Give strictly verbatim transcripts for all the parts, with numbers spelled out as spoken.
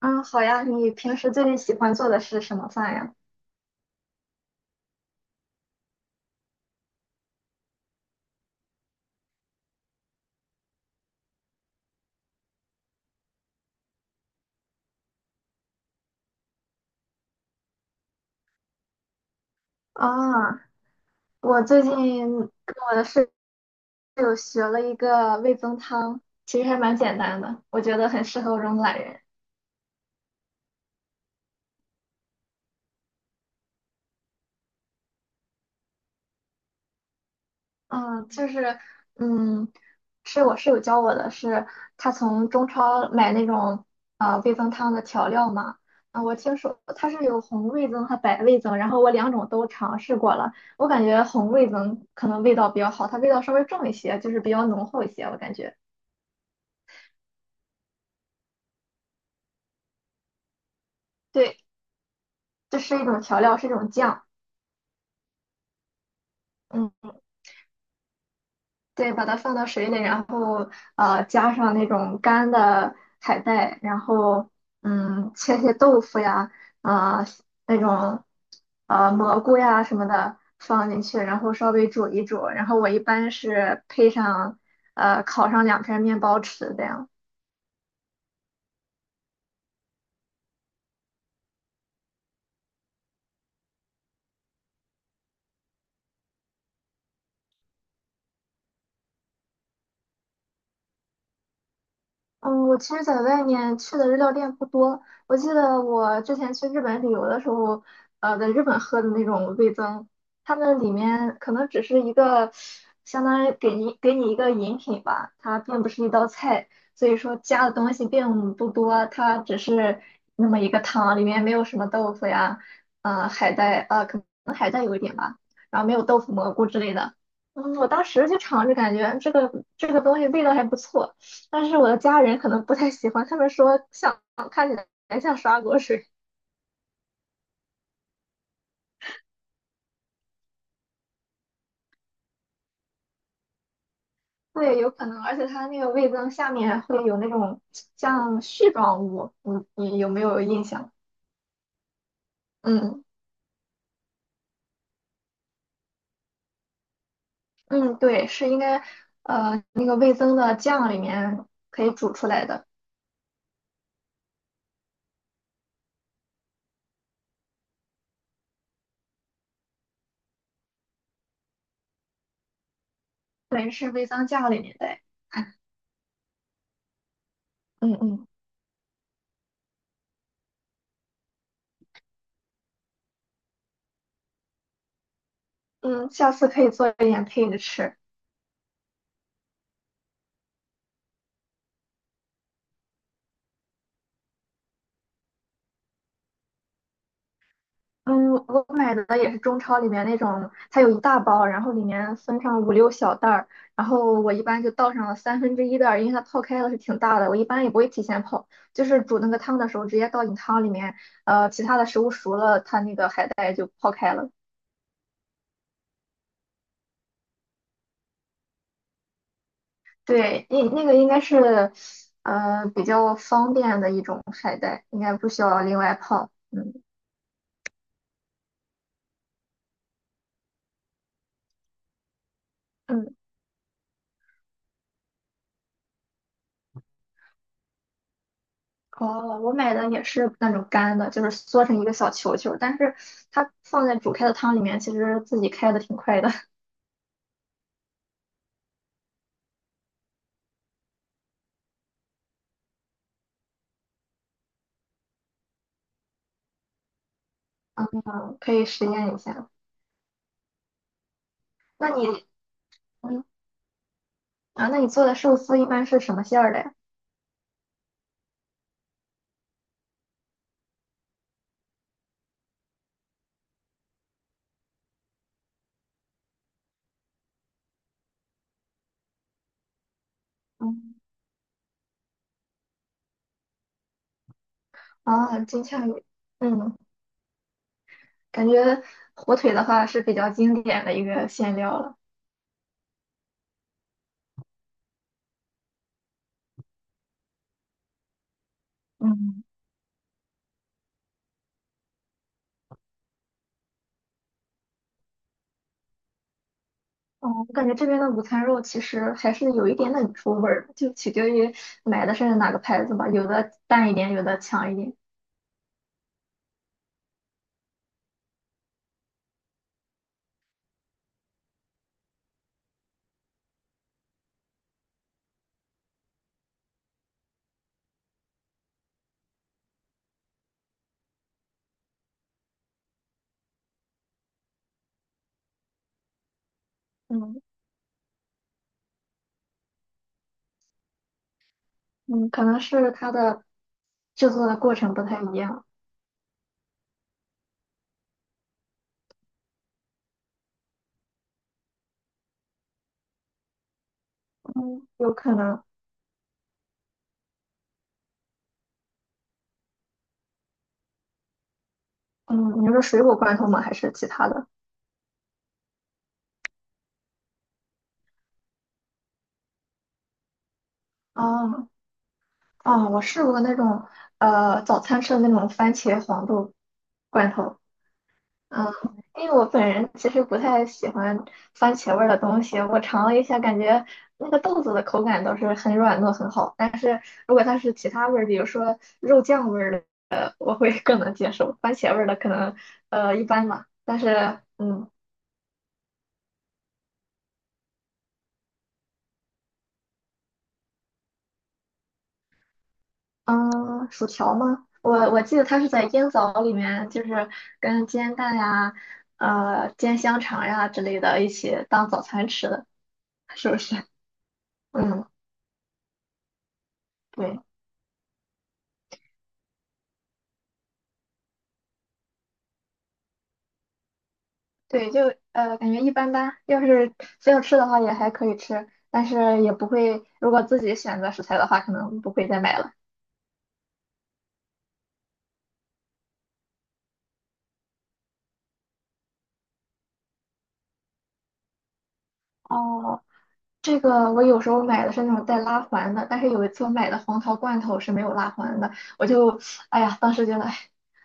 嗯，好呀，你平时最近喜欢做的是什么饭呀？啊，我最近跟我的室友学了一个味增汤，其实还蛮简单的，我觉得很适合我这种懒人。嗯，就是，嗯，是我室友教我的是，他从中超买那种呃味增汤的调料嘛。啊，我听说它是有红味增和白味增，然后我两种都尝试过了，我感觉红味增可能味道比较好，它味道稍微重一些，就是比较浓厚一些，我感觉。对，这是一种调料，是一种酱。嗯，对，把它放到水里，然后呃加上那种干的海带，然后嗯切些豆腐呀，啊、那种呃蘑菇呀什么的放进去，然后稍微煮一煮。然后我一般是配上呃烤上两片面包吃这样。嗯，我其实在外面去的日料店不多。我记得我之前去日本旅游的时候，呃，在日本喝的那种味增，他们里面可能只是一个，相当于给你给你一个饮品吧，它并不是一道菜，所以说加的东西并不多，它只是那么一个汤，里面没有什么豆腐呀，呃，海带，呃，可能海带有一点吧，然后没有豆腐、蘑菇之类的。嗯，我当时就尝着感觉这个这个东西味道还不错。但是我的家人可能不太喜欢，他们说像看起来像刷锅水，对，有可能，而且它那个味增下面会有那种像絮状物，你你有没有印象？嗯嗯，对，是应该呃那个味增的酱里面可以煮出来的，对，是味增酱里面的，嗯嗯嗯，下次可以做一点配着吃。嗯，我买的也是中超里面那种，它有一大包，然后里面分上五六小袋儿，然后我一般就倒上了三分之一袋儿，因为它泡开了是挺大的，我一般也不会提前泡，就是煮那个汤的时候直接倒进汤里面，呃，其他的食物熟了，它那个海带就泡开了。对，那那个应该是，呃，比较方便的一种海带，应该不需要另外泡。嗯哦，我买的也是那种干的，就是缩成一个小球球，但是它放在煮开的汤里面，其实自己开的挺快的，嗯，可以实验一下。那你，嗯啊，那你做的寿司一般是什么馅儿的呀？嗯，啊，金枪鱼，嗯，感觉火腿的话是比较经典的一个馅料了。嗯，哦，我感觉这边的午餐肉其实还是有一点点出味儿的就取决于买的是哪个牌子吧，有的淡一点，有的强一点。嗯嗯，可能是它的制作的过程不太一样，嗯，有可能，嗯，你说水果罐头吗？还是其他的？哦哦，我试过那种呃早餐吃的那种番茄黄豆罐头，嗯，因为我本人其实不太喜欢番茄味儿的东西，我尝了一下，感觉那个豆子的口感倒是很软糯很好，但是如果它是其他味儿，比如说肉酱味儿的，呃，我会更能接受，番茄味儿的可能呃一般吧，但是嗯。嗯，薯条吗？我我记得它是在烟枣里面，就是跟煎蛋呀、呃煎香肠呀之类的一起当早餐吃的，是不是？嗯，对对，就呃感觉一般般。要是非要吃的话也还可以吃，但是也不会，如果自己选择食材的话，可能不会再买了。哦，这个我有时候买的是那种带拉环的，但是有一次我买的黄桃罐头是没有拉环的，我就，哎呀，当时觉得，哎，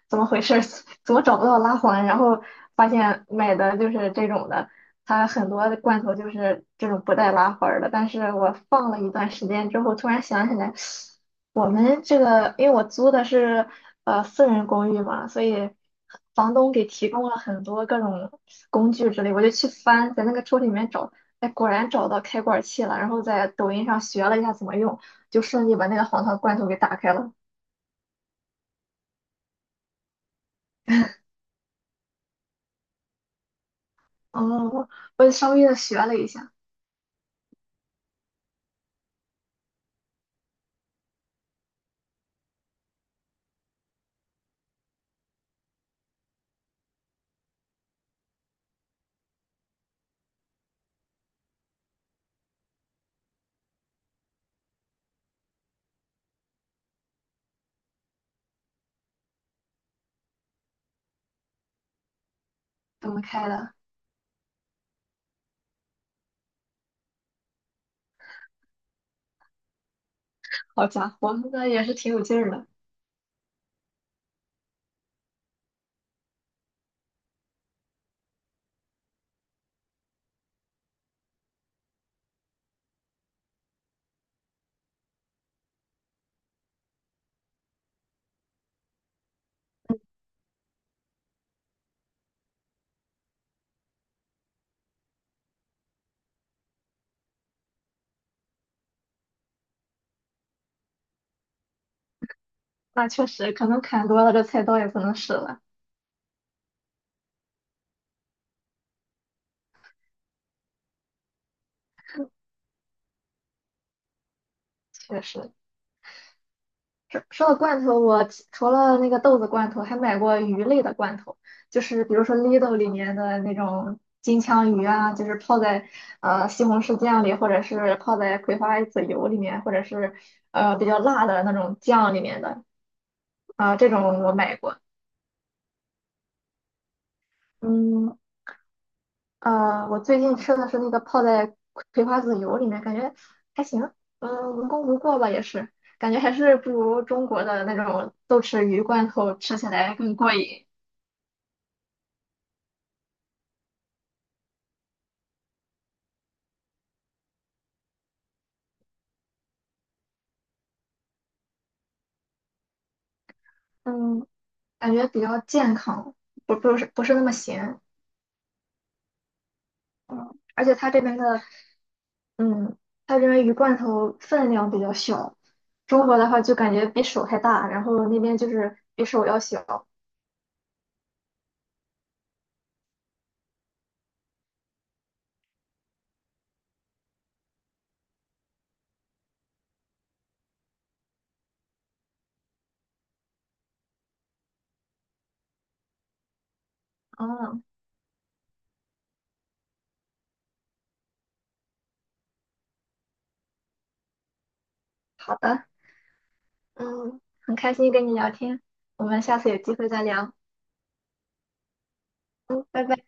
怎么回事儿？怎么找不到拉环？然后发现买的就是这种的，它很多的罐头就是这种不带拉环儿的。但是我放了一段时间之后，突然想起来，我们这个，因为我租的是呃私人公寓嘛，所以房东给提供了很多各种工具之类，我就去翻，在那个抽屉里面找。哎，果然找到开罐器了，然后在抖音上学了一下怎么用，就顺利把那个黄桃罐头给打开了。哦，我稍微的学了一下怎么开的。好家伙，那也是挺有劲儿的。那确实，可能砍多了，这菜刀也不能使了。确实，说说到罐头，我其除了那个豆子罐头，还买过鱼类的罐头，就是比如说 Lidl 里面的那种金枪鱼啊，就是泡在呃西红柿酱里，或者是泡在葵花籽油里面，或者是呃比较辣的那种酱里面的啊、这种我买过。嗯呃，我最近吃的是那个泡在葵花籽油里面，感觉还行，嗯、无功无过吧，也是，感觉还是不如中国的那种豆豉鱼罐头吃起来更过瘾。嗯，感觉比较健康，不不是不是那么咸，而且它这边的，嗯，它这边鱼罐头分量比较小，中国的话就感觉比手还大，然后那边就是比手要小。嗯，好的，嗯，很开心跟你聊天，我们下次有机会再聊。嗯，拜拜。